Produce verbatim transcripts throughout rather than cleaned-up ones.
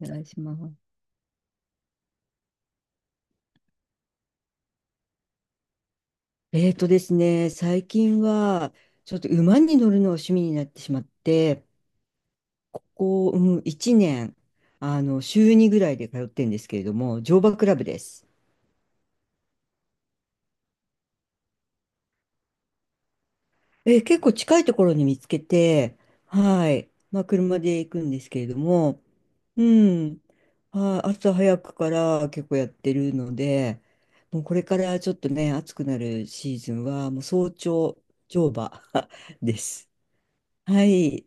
お願いします。えーとですね、最近はちょっと馬に乗るのが趣味になってしまって、ここ、うん、いちねん、あの週にぐらいで通ってるんですけれども、乗馬クラブです。えー結構近いところに見つけて、はい、まあ、車で行くんですけれども、うん、はい、朝早くから結構やってるので、もうこれからちょっとね、暑くなるシーズンは、もう早朝乗馬 です。はい。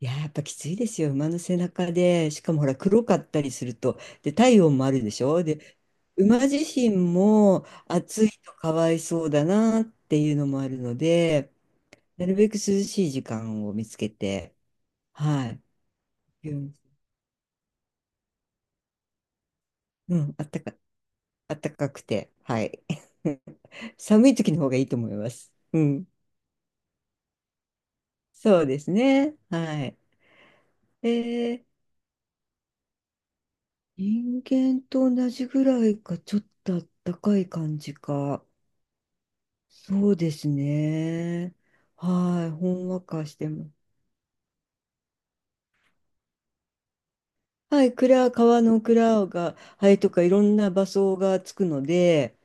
いやー、やっぱきついですよ。馬の背中で、しかもほら、黒かったりすると、で、体温もあるでしょ。で、馬自身も暑いとかわいそうだなっていうのもあるので、なるべく涼しい時間を見つけて、はい。うん、うんあったか、あったかくて、はい。寒い時の方がいいと思います。うん。そうですね。はい。えー人間と同じぐらいか、ちょっとあったかい感じか。そうですね。はい、ほんわかしても。はい、蔵、川の蔵が、はい、とかいろんな場所がつくので、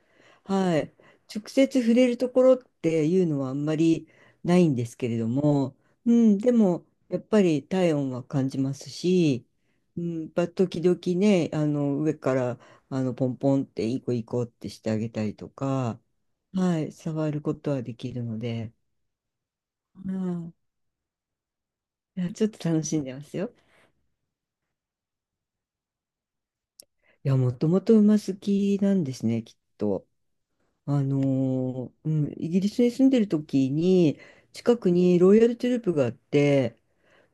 はい、直接触れるところっていうのはあんまりないんですけれども、うん、でもやっぱり体温は感じますし、うん、やっぱ時々ね、あの上から、あのポンポンっていい子いい子ってしてあげたりとか、はい、触ることはできるので。はい、いや、ちょっと楽しんでますよ。いや、もともと馬好きなんですね、きっと。あのーうん、イギリスに住んでる時に、近くにロイヤルトゥループがあって、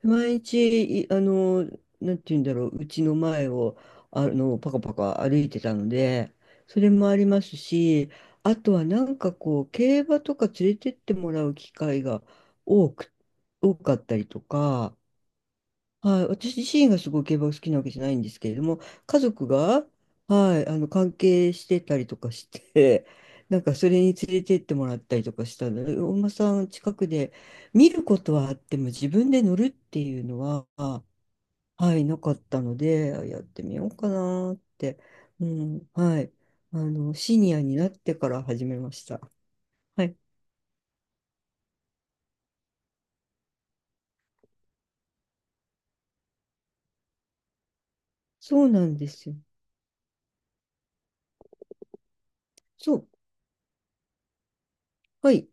毎日、いあのーなんて言うんだろう、うちの前を、あの、パカパカ歩いてたので、それもありますし、あとはなんかこう、競馬とか連れてってもらう機会が多く、多かったりとか、はい、私自身がすごい競馬が好きなわけじゃないんですけれども、家族が、はい、あの関係してたりとかして、なんかそれに連れてってもらったりとかしたので、お馬さん近くで見ることはあっても自分で乗るっていうのは、はい、なかったので、やってみようかなって、うん、はい、あの、シニアになってから始めました。はい、そうなんですよ。そう、はい。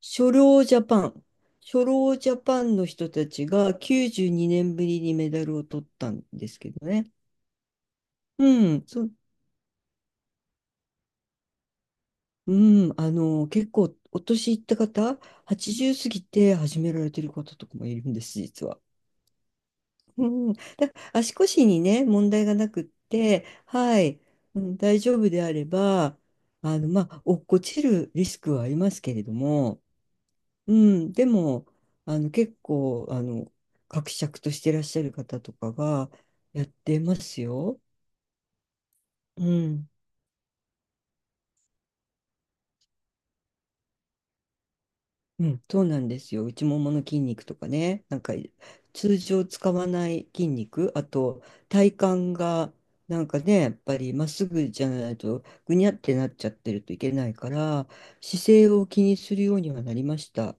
初老ジャパン。初老ジャパンの人たちがきゅうじゅうにねんぶりにメダルを取ったんですけどね。うん、そ、うん、あの、結構お年いった方、はちじゅう過ぎて始められてる方とかもいるんです、実は。うん、だ、足腰にね、問題がなくって、はい、うん、大丈夫であれば、あの、まあ、落っこちるリスクはありますけれども、うん、でも、あの、結構、あの、伯爵としていらっしゃる方とかがやってますよ。うん。うん、そうなんですよ。内ももの筋肉とかね、なんか通常使わない筋肉、あと体幹がなんかね、やっぱりまっすぐじゃないとぐにゃってなっちゃってるといけないから、姿勢を気にするようにはなりました。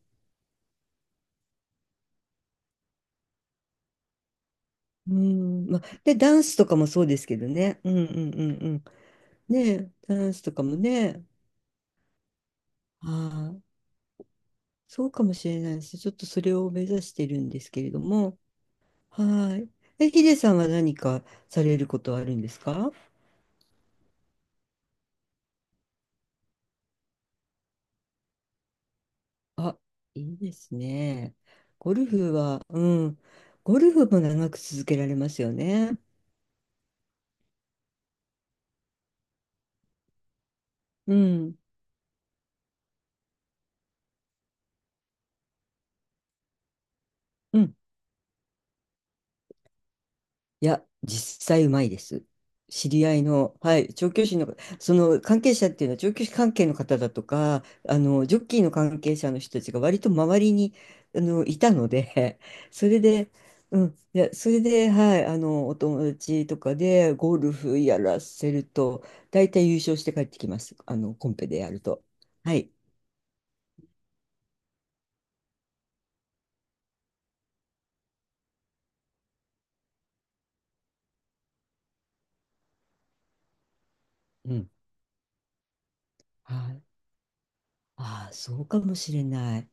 うん、まあ、で、ダンスとかもそうですけどね。うんうんうんうん。ねえ、ダンスとかもね、ああ、そうかもしれないです。ちょっとそれを目指してるんですけれども。はい。え、ヒデさんは何かされることはあるんですか？あ、いいですね。ゴルフは、うん。ゴルフも長く続けられますよね。うん。うん、いや、実際うまいです。知り合いの、はい、調教師の、その関係者っていうのは、調教師関係の方だとか、あの、ジョッキーの関係者の人たちが割と周りに、あの、いたので、それで、うん、いや、それで、はい、あの、お友達とかでゴルフやらせると、大体優勝して帰ってきます。あの、コンペでやると。はい。うん。はい。ああ、そうかもしれない。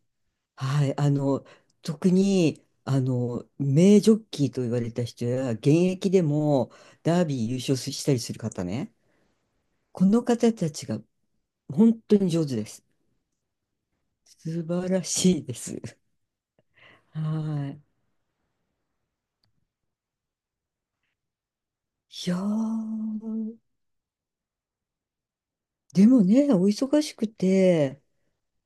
はい、あの、特に、あの、名ジョッキーと言われた人や、現役でもダービー優勝したりする方ね、この方たちが本当に上手です。素晴らしいです。はい。いやー、でもね、お忙しくて、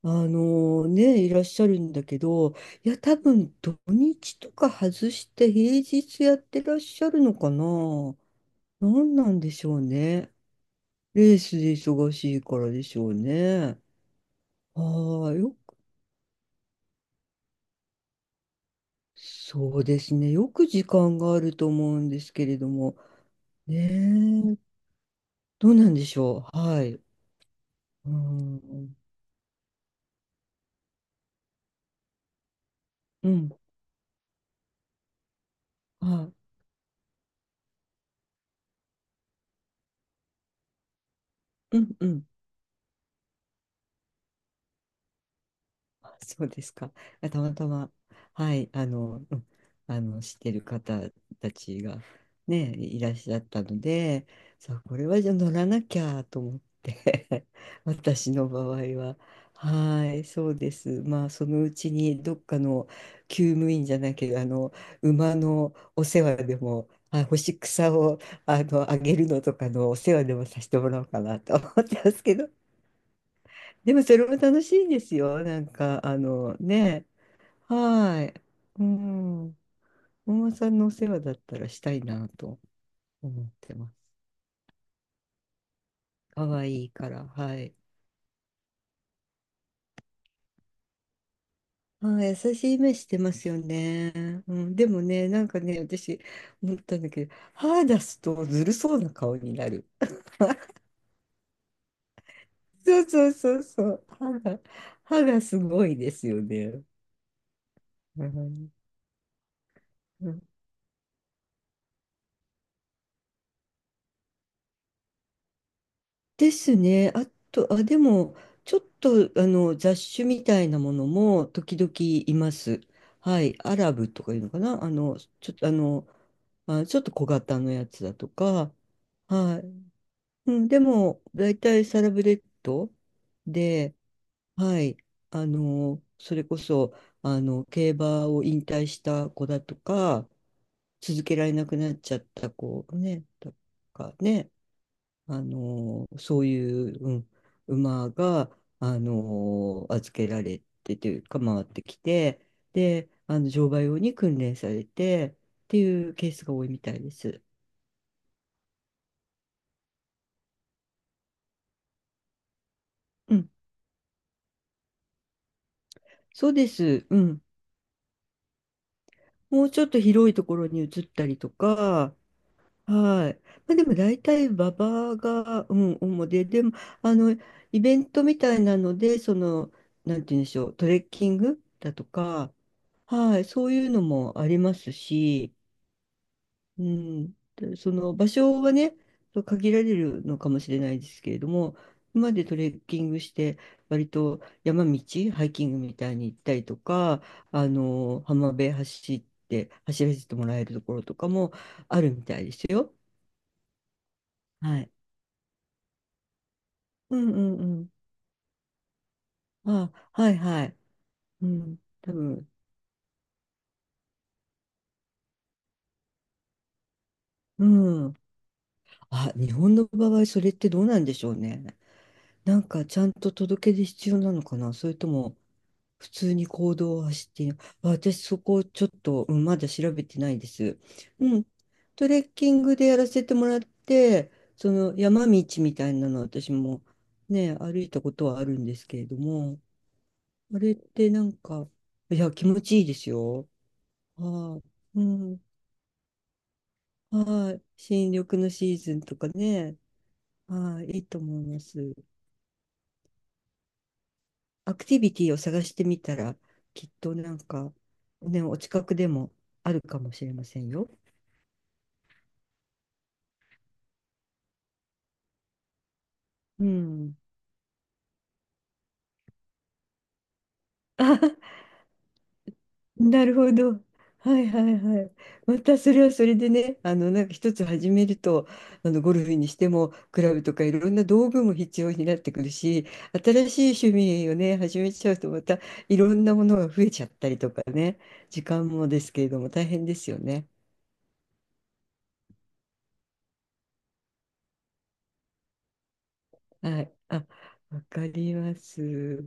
あのね、いらっしゃるんだけど、いや、多分土日とか外して平日やってらっしゃるのかな。何なんでしょうね。レースで忙しいからでしょうね。ああ、よく、そうですね。よく時間があると思うんですけれども。ねえ、どうなんでしょう。はい。うん、うん、はい。うん、うん。そうですか。あたまたま、はい、あの、うん、あの、知ってる方たちがね、いらっしゃったので、さあ、これはじゃあ乗らなきゃと思って 私の場合は、はい、そうです。まあ、そのうちにどっかの厩務員じゃなきゃ、あの、馬のお世話でも、あ、干し草をあのあげるのとかのお世話でもさせてもらおうかなと思ってますけど、でもそれも楽しいんですよ。なんか、あのね、はい。うん。お馬さんのお世話だったらしたいなと思ってます。可愛いから、はい。ああ、優しい目してますよね。うん、でもね、なんかね、私、思ったんだけど、歯出すとずるそうな顔になる。そうそうそうそう。歯が、歯がすごいですよね。うん。ですね。あと、あ、でも、ちょっと、あの、雑種みたいなものも時々います。はい。アラブとかいうのかな、あの、ちょっと、あの、まあ、ちょっと小型のやつだとか、はい。うん、でも、大体サラブレッドで、はい。あの、それこそ、あの、競馬を引退した子だとか、続けられなくなっちゃった子ね、とかね、あのそういう、うん、馬が、あの預けられてというか回ってきて、であの乗馬用に訓練されてっていうケースが多いみたいです。うん、そうです。うん、もうちょっと広いところに移ったりとか、はい。まあ、でも大体馬場が、うん、主で、でもあのイベントみたいなのでそのなんて言うんでしょう、トレッキングだとか、はい、そういうのもありますし。うん、でその場所はね、そう限られるのかもしれないですけれども、今までトレッキングして、割と山道、ハイキングみたいに行ったりとか、あの浜辺走って、走らせてもらえるところとかもあるみたいですよ。はい。うんうんうん。あ、はいはい。うん、多分。うん。あ、日本の場合、それってどうなんでしょうね。なんかちゃんと届け出必要なのかな、それとも普通に行動を走っている。あ、私そこちょっと、うん、まだ調べてないです。うん。トレッキングでやらせてもらって、その山道みたいなの私もね、歩いたことはあるんですけれども、あれってなんか、いや、気持ちいいですよ。はい。うん。はい。新緑のシーズンとかね。はい。いいと思います。アクティビティを探してみたら、きっとなんか、ね、お近くでもあるかもしれませんよ。うん。あ、なるほど。はいはいはい。またそれはそれでね、あの、なんか一つ始めると、あの、ゴルフにしても、クラブとかいろんな道具も必要になってくるし、新しい趣味をね、始めちゃうと、またいろんなものが増えちゃったりとかね、時間もですけれども、大変ですよね。はい。あ、わかります。